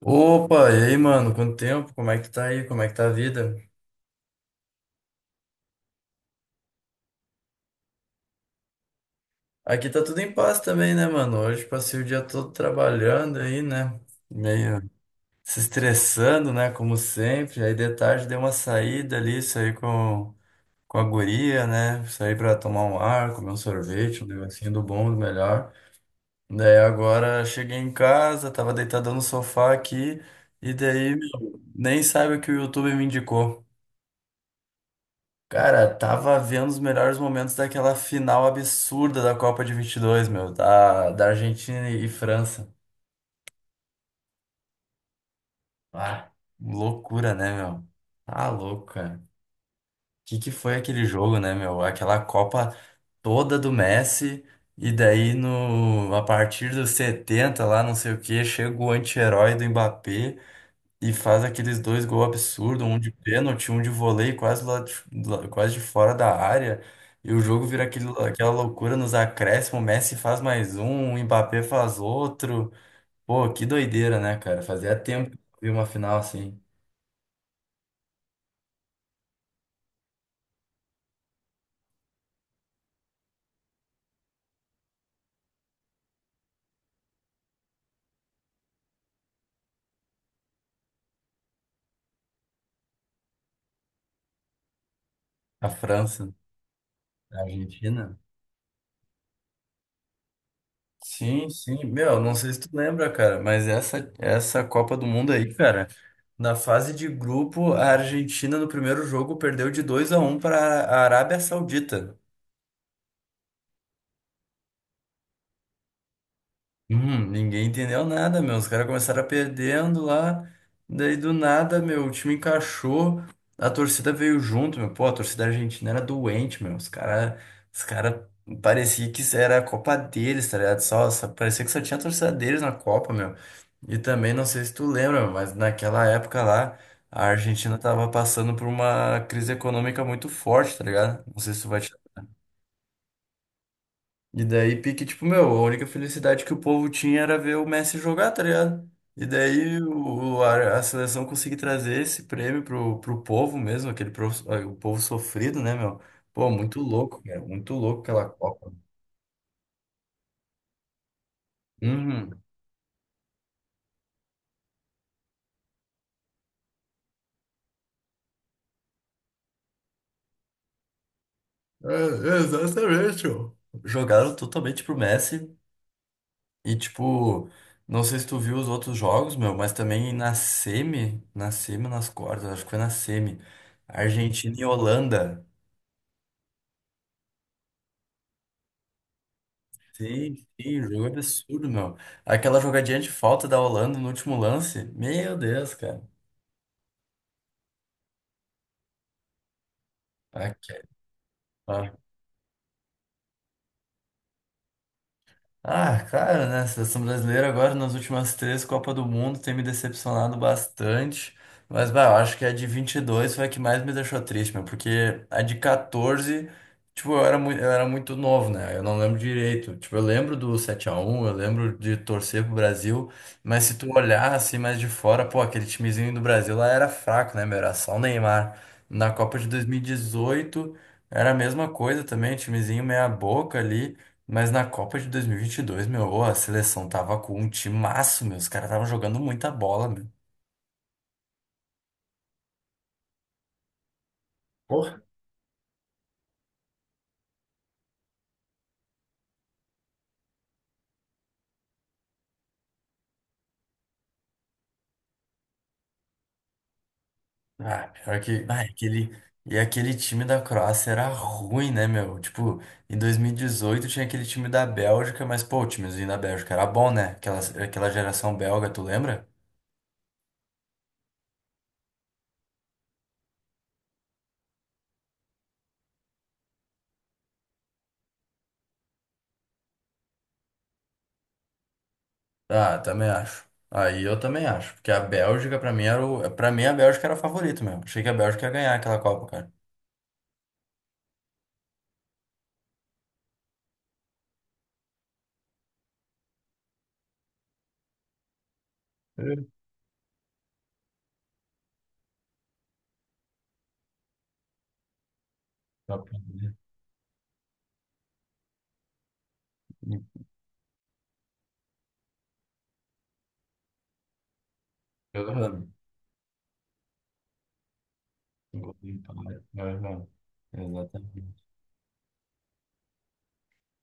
Opa, e aí, mano? Quanto tempo? Como é que tá aí? Como é que tá a vida? Aqui tá tudo em paz também, né, mano? Hoje passei o dia todo trabalhando aí, né? Meio se estressando, né? Como sempre. Aí de tarde dei uma saída ali, saí com a guria, né? Saí pra tomar um ar, comer um sorvete, um negocinho do bom, do melhor. Daí agora cheguei em casa, tava deitado no sofá aqui, e daí nem sabe o que o YouTube me indicou. Cara, tava vendo os melhores momentos daquela final absurda da Copa de 22, meu, da Argentina e França. Ah, loucura, né, meu? Tá louco, cara. Que foi aquele jogo, né, meu? Aquela Copa toda do Messi e daí no a partir dos 70 lá, não sei o que chega o anti-herói do Mbappé. E faz aqueles dois gols absurdos, um de pênalti, um de voleio quase lá de, quase de fora da área. E o jogo vira aquele, aquela loucura nos acréscimos, o Messi faz mais um, o Mbappé faz outro. Pô, que doideira, né, cara? Fazia tempo que eu vi uma final assim, a França, a Argentina. Sim, sim. Meu, não sei se tu lembra, cara, mas essa Copa do Mundo aí, cara, na fase de grupo, a Argentina no primeiro jogo perdeu de 2-1 para a Arábia Saudita. Ninguém entendeu nada, meu. Os caras começaram perdendo lá. Daí do nada, meu, o time encaixou. A torcida veio junto, meu. Pô, a torcida argentina era doente, meu. Os cara parecia que isso era a Copa deles, tá ligado? Parecia que só tinha a torcida deles na Copa, meu. E também, não sei se tu lembra, meu, mas naquela época lá, a Argentina tava passando por uma crise econômica muito forte, tá ligado? Não sei se tu vai te e daí, pique, tipo, meu, a única felicidade que o povo tinha era ver o Messi jogar, tá ligado? E daí a seleção conseguiu trazer esse prêmio pro povo mesmo, aquele pro o povo sofrido, né, meu? Pô, muito louco, cara, muito louco aquela Copa. Uhum. É, exatamente, ó. Jogaram totalmente pro Messi e, tipo, não sei se tu viu os outros jogos, meu, mas também nas quartas, acho que foi na semi, Argentina e Holanda. Sim, sim, o jogo é absurdo, meu. Aquela jogadinha de falta da Holanda no último lance, meu Deus, cara. Aqui, ah, cara, né? A seleção brasileira agora nas últimas três Copas do Mundo tem me decepcionado bastante. Mas, bah, eu acho que a de 22 foi a que mais me deixou triste, meu, porque a de 14, tipo, eu era muito novo, né? Eu não lembro direito. Tipo, eu lembro do 7-1, eu lembro de torcer pro Brasil, mas se tu olhar assim mais de fora, pô, aquele timezinho do Brasil lá era fraco, né, meu? Era só o Neymar. Na Copa de 2018 era a mesma coisa também, timezinho meia boca ali. Mas na Copa de 2022, meu, ô, a seleção tava com um timaço, meu. Os caras estavam jogando muita bola, meu. Porra, ah, pior que. Ah, aquele... E aquele time da Croácia era ruim, né, meu? Tipo, em 2018 tinha aquele time da Bélgica, mas, pô, o timezinho da Bélgica era bom, né? Aquela geração belga, tu lembra? Ah, também acho. Aí eu também acho. Porque a Bélgica, pra mim, era o... pra mim, a Bélgica era o favorito, meu. Achei que a Bélgica ia ganhar aquela Copa, cara. É, tá pra ver. E- Engoliu, tá ligado? É verdade. Exatamente.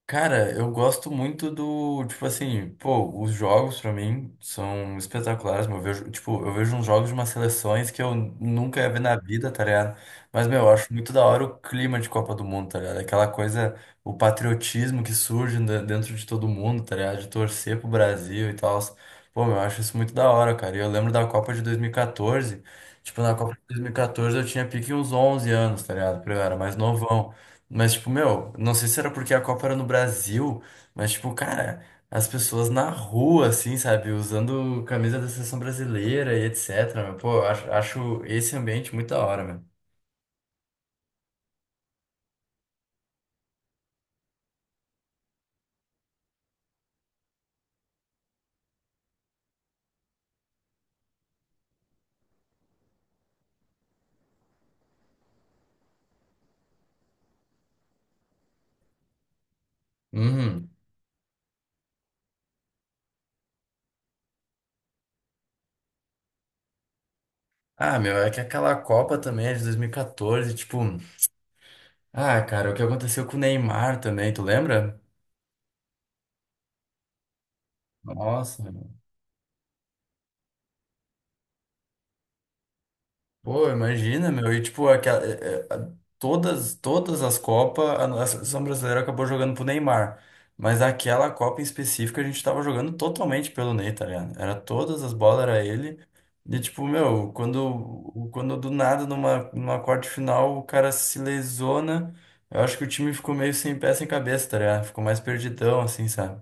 Cara, eu gosto muito do, tipo assim, pô, os jogos pra mim são espetaculares, meu. Eu vejo, tipo, eu vejo uns jogos de umas seleções que eu nunca ia ver na vida, tá ligado? Mas, meu, eu acho muito da hora o clima de Copa do Mundo, tá ligado? Aquela coisa, o patriotismo que surge dentro de todo mundo, tá ligado? De torcer pro Brasil e tal. Pô, meu, eu acho isso muito da hora, cara. E eu lembro da Copa de 2014, tipo, na Copa de 2014 eu tinha pique uns 11 anos, tá ligado? Porque eu era mais novão. Mas, tipo, meu, não sei se era porque a Copa era no Brasil, mas, tipo, cara, as pessoas na rua, assim, sabe, usando camisa da seleção brasileira e etc. Meu, pô, eu acho, acho esse ambiente muito da hora, meu. Uhum. Ah, meu, é que aquela Copa também é de 2014, tipo. Ah, cara, o que aconteceu com o Neymar também, tu lembra? Nossa, pô, imagina, meu. E tipo, aquela, todas, as Copas, a nossa seleção brasileira acabou jogando pro Neymar. Mas aquela Copa em específico a gente tava jogando totalmente pelo Ney, tá ligado? Era todas as bolas, era ele. E tipo, meu, quando do nada, numa quarta de final, o cara se lesiona, eu acho que o time ficou meio sem pé, sem cabeça, tá ligado? Ficou mais perdidão, assim, sabe?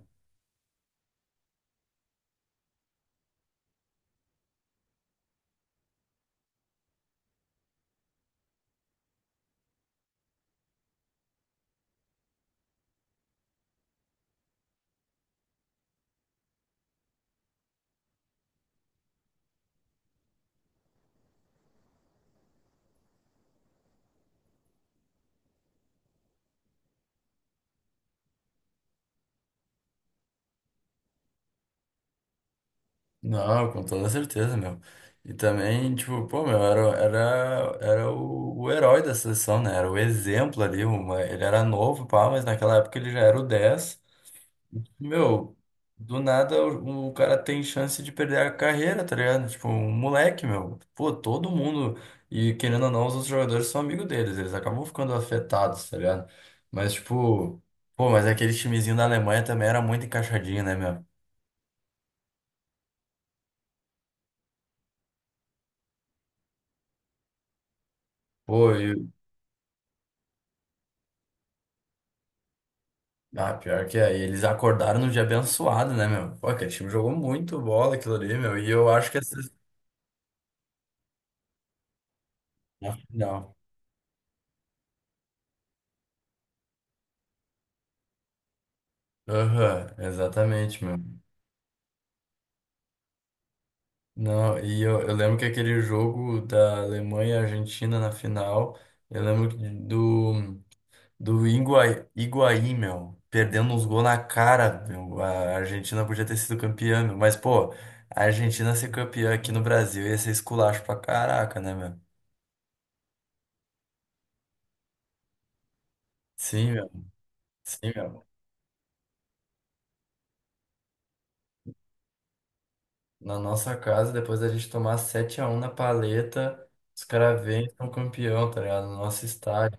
Não, com toda certeza, meu. E também, tipo, pô, meu, era o herói da seleção, né? Era o exemplo ali. Uma, ele era novo, pá, mas naquela época ele já era o 10. Meu, do nada o cara tem chance de perder a carreira, tá ligado? Tipo, um moleque, meu. Pô, todo mundo. E querendo ou não, os outros jogadores são amigos deles. Eles acabam ficando afetados, tá ligado? Mas, tipo, pô, mas aquele timezinho da Alemanha também era muito encaixadinho, né, meu? Pô, ah, pior que é. E eles acordaram num dia abençoado, né, meu? Pô, aquele time jogou muito bola aquilo ali, meu. E eu acho que essa... na final. Aham, exatamente, meu. Não, e eu lembro que aquele jogo da Alemanha e Argentina na final, eu lembro que do Higuaí, meu, perdendo uns gols na cara, meu. A Argentina podia ter sido campeã, meu. Mas, pô, a Argentina ser campeã aqui no Brasil ia ser esculacho pra caraca, né, meu? Sim, meu. Sim, meu. Na nossa casa, depois da gente tomar 7-1 na paleta, os caras vêm e são campeão, tá ligado? No nosso estádio.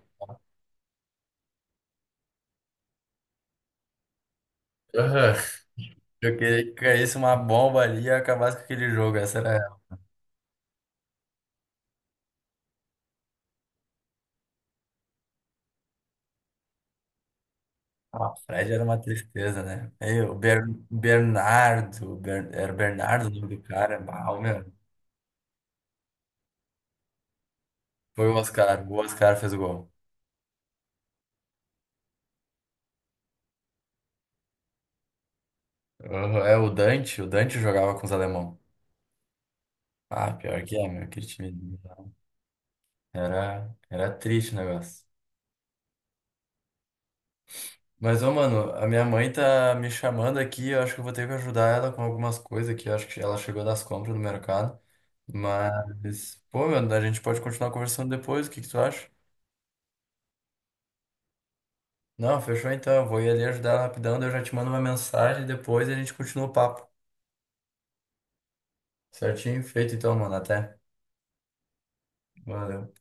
Aham. Eu queria que caísse uma bomba ali e acabasse com aquele jogo. Essa era. Ela. Ah, Fred era uma tristeza, né? Aí, o Ber... Bernardo, era Bernardo o nome do cara. Mal, meu. Foi o Oscar fez o gol. Aham. É o Dante, jogava com os alemão. Ah, pior que é, meu, aquele time. Era triste o negócio. Mas, ô, mano, a minha mãe tá me chamando aqui. Eu acho que eu vou ter que ajudar ela com algumas coisas aqui. Eu acho que ela chegou das compras no mercado. Mas, pô, mano, a gente pode continuar conversando depois. O que que tu acha? Não, fechou então. Eu vou ir ali ajudar ela rapidão. Daí eu já te mando uma mensagem depois e a gente continua o papo. Certinho? Feito então, mano. Até. Valeu.